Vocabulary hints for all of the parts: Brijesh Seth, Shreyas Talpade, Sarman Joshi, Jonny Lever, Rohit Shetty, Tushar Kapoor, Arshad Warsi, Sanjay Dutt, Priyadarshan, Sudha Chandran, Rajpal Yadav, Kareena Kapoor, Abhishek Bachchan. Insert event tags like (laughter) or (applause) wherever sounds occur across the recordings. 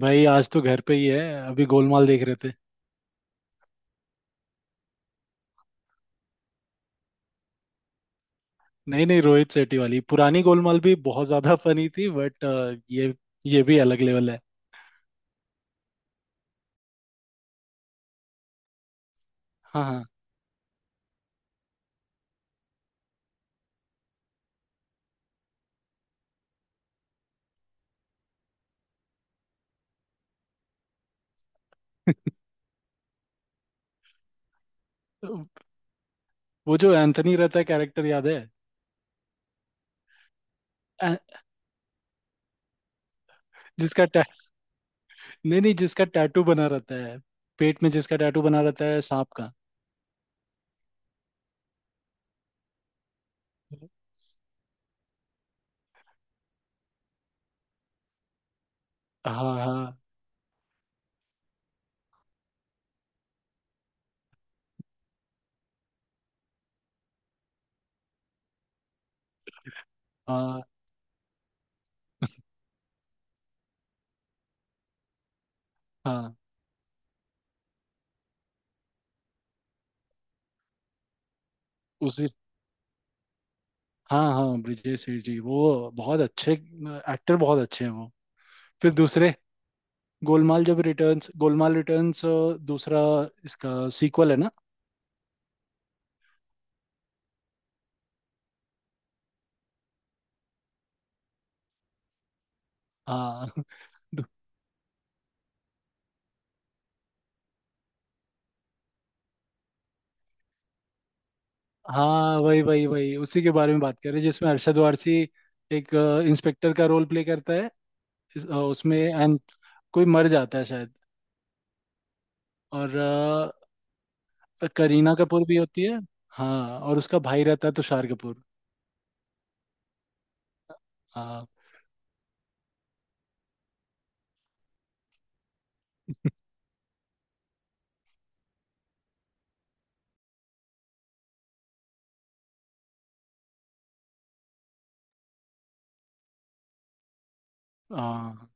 भाई आज तो घर पे ही है। अभी गोलमाल देख रहे थे। नहीं नहीं, रोहित शेट्टी वाली। पुरानी गोलमाल भी बहुत ज्यादा (laughs) फनी थी बट ये ये भी अलग लेवल है। हाँ हाँ। तो वो जो एंथनी रहता है कैरेक्टर, याद है? ए- जिसका नहीं नहीं, जिसका टैटू बना रहता है पेट में, जिसका टैटू बना रहता है सांप का। हाँ हाँ। हाँ हाँ उसी। हाँ हाँ, ब्रिजेश सेठ जी, वो बहुत अच्छे एक्टर, बहुत अच्छे हैं वो। फिर दूसरे गोलमाल, जब रिटर्न्स, गोलमाल रिटर्न्स, दूसरा इसका सीक्वल है ना। हाँ (laughs) दु- हाँ वही वही वही, उसी के बारे में बात कर रहे हैं, जिसमें अरशद वारसी एक इंस्पेक्टर का रोल प्ले करता है। उसमें एंड कोई मर जाता है शायद। और करीना कपूर भी होती है। हाँ और उसका भाई रहता है तुषार कपूर। हाँ हाँ।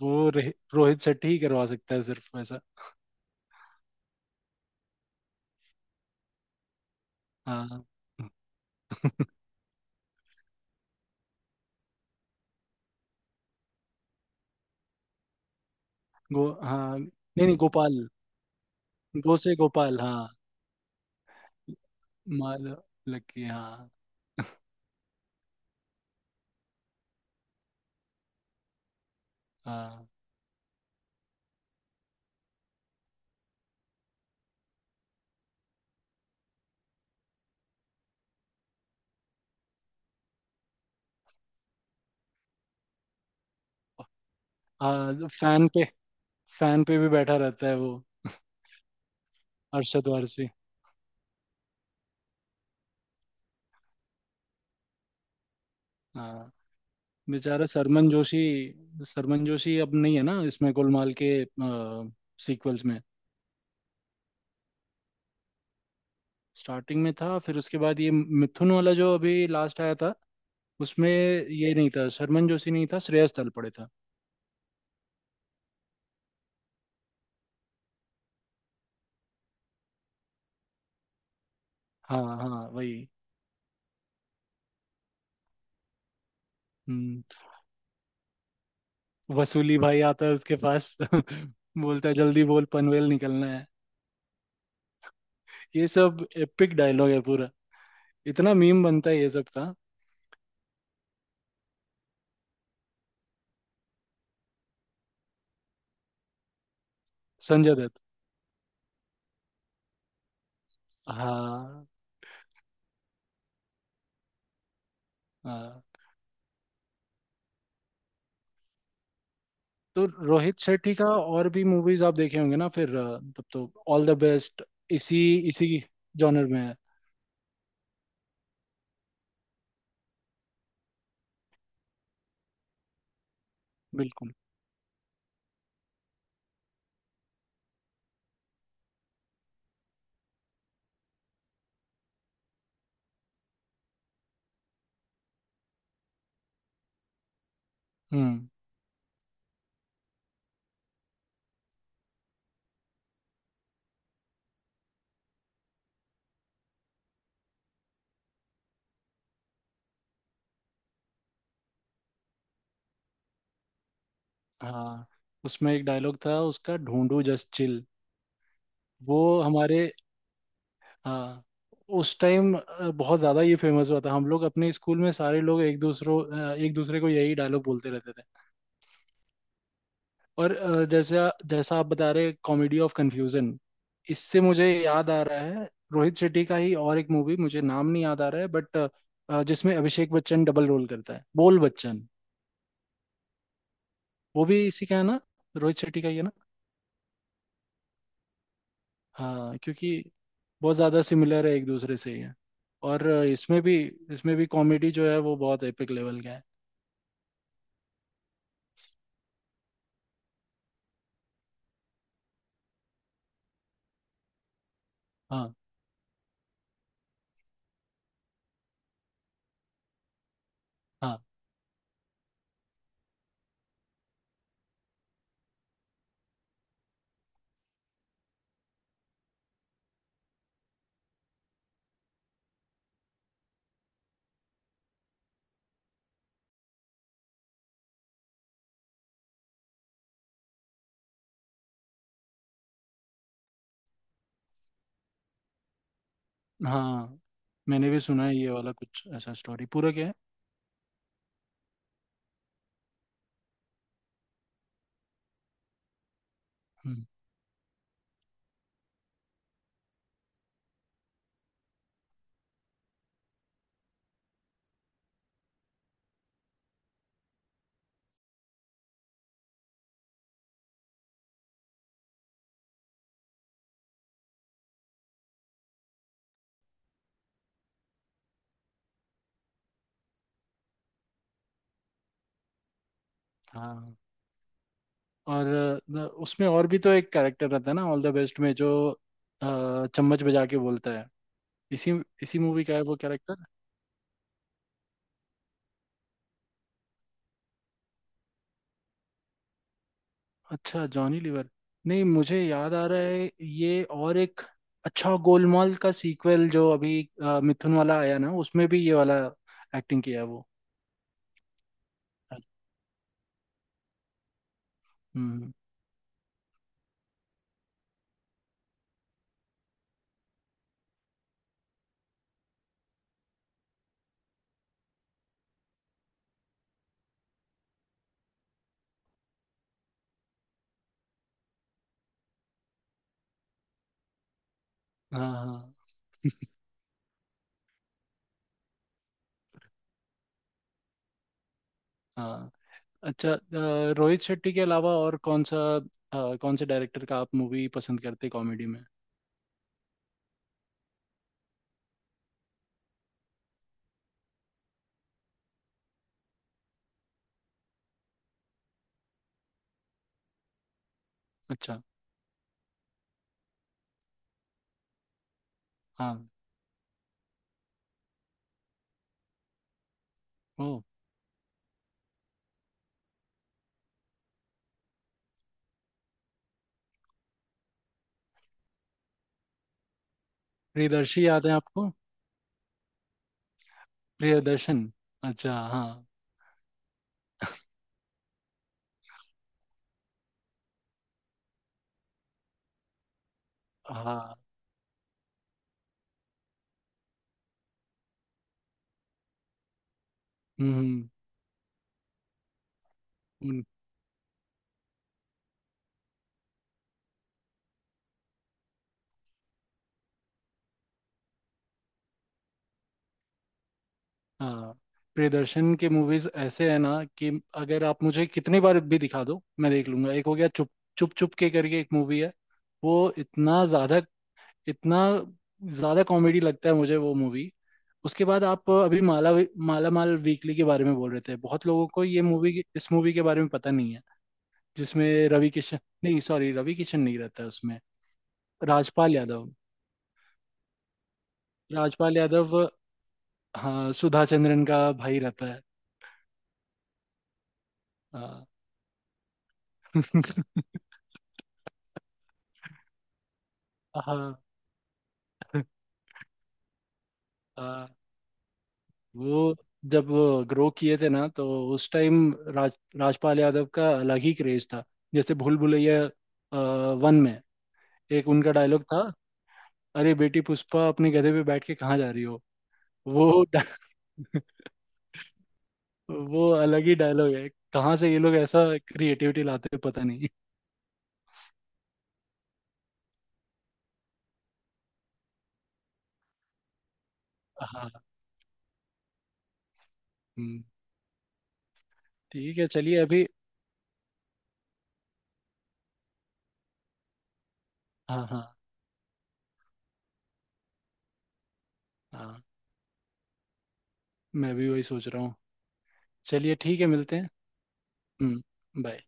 रोहित शेट्टी ही करवा सकता है सिर्फ वैसा। हाँ (laughs) गो हाँ, नहीं नहीं गोपाल। गो से गोपाल हाँ। माधव, लक्की हाँ। हाँ हाँ। फैन पे, फैन पे भी बैठा रहता है वो। अरशद वारसी। हाँ। बेचारा सरमन जोशी। सरमन जोशी अब नहीं है ना इसमें गोलमाल के सीक्वल्स में। स्टार्टिंग में था, फिर उसके बाद ये मिथुन वाला जो अभी लास्ट आया था, उसमें ये नहीं था। सरमन जोशी नहीं था, श्रेयस तलपड़े था। हाँ हाँ वही। हम्म। वसूली भाई आता है उसके पास (laughs) बोलता है जल्दी बोल, पनवेल निकलना है। ये सब एपिक डायलॉग है पूरा। इतना मीम बनता है ये सब का। संजय दत्त। हाँ हाँ। तो रोहित शेट्टी का और भी मूवीज आप देखे होंगे ना। फिर तब तो ऑल द बेस्ट इसी इसी जॉनर में है। बिल्कुल। हम्म। हाँ उसमें एक डायलॉग था उसका, ढूंढू जस्ट चिल। वो हमारे। हाँ, उस टाइम बहुत ज्यादा ये फेमस हुआ था। हम लोग अपने स्कूल में सारे लोग एक दूसरे को यही डायलॉग बोलते रहते थे। और जैसे जैसा आप बता रहे, कॉमेडी ऑफ कन्फ्यूजन। इससे मुझे याद आ रहा है, रोहित शेट्टी का ही और एक मूवी, मुझे नाम नहीं याद आ रहा है बट जिसमें अभिषेक बच्चन डबल रोल करता है, बोल बच्चन। वो भी इसी का है ना, रोहित शेट्टी का ही है ना। हाँ क्योंकि बहुत ज़्यादा सिमिलर है, एक दूसरे से ही है। और इसमें भी कॉमेडी जो है वो बहुत एपिक लेवल का है। हाँ। हाँ हाँ। मैंने भी सुना है ये वाला, कुछ ऐसा स्टोरी पूरा क्या है। हम्म। हाँ। और न- उसमें और भी तो एक कैरेक्टर रहता है ना, ऑल द बेस्ट में, जो चम्मच बजा के बोलता है। इसी इसी मूवी का है वो कैरेक्टर। अच्छा, जॉनी लीवर। नहीं मुझे याद आ रहा है ये और एक। अच्छा, गोलमाल का सीक्वल जो अभी मिथुन वाला आया ना, उसमें भी ये वाला एक्टिंग किया है वो। हम्म। हाँ हाँ। हाँ अच्छा रोहित शेट्टी के अलावा और कौन सा कौन से डायरेक्टर का आप मूवी पसंद करते कॉमेडी में? अच्छा हाँ। ओ, प्रियदर्शी याद है आपको? प्रियदर्शन। अच्छा हाँ हाँ। हम्म। उन- हाँ प्रियदर्शन के मूवीज ऐसे है ना कि अगर आप मुझे कितनी बार भी दिखा दो मैं देख लूंगा। एक हो गया चुप, चुप चुप के करके एक मूवी है। वो इतना ज्यादा, इतना ज्यादा कॉमेडी लगता है मुझे वो मूवी। उसके बाद आप अभी माला, माला माल वीकली के बारे में बोल रहे थे। बहुत लोगों को ये मूवी, इस मूवी के बारे में पता नहीं है। जिसमें रवि किशन, नहीं सॉरी रवि किशन नहीं रहता है उसमें। राजपाल यादव। राजपाल यादव हाँ, सुधा चंद्रन का भाई रहता है। हाँ (laughs) हाँ हाँ। वो जब वो ग्रो किए थे ना, तो उस टाइम राज, राजपाल यादव का अलग ही क्रेज था। जैसे भूल भुलैया वन में एक उनका डायलॉग था, अरे बेटी पुष्पा अपने गधे पे बैठ के कहाँ जा रही हो। वो डा- (laughs) वो अलग ही डायलॉग है। कहाँ से ये लोग ऐसा क्रिएटिविटी लाते हैं पता नहीं। हाँ। हम्म। ठीक है, चलिए अभी। हाँ हाँ। हाँ मैं भी वही सोच रहा हूँ। चलिए ठीक है, मिलते हैं। हम्म। बाय।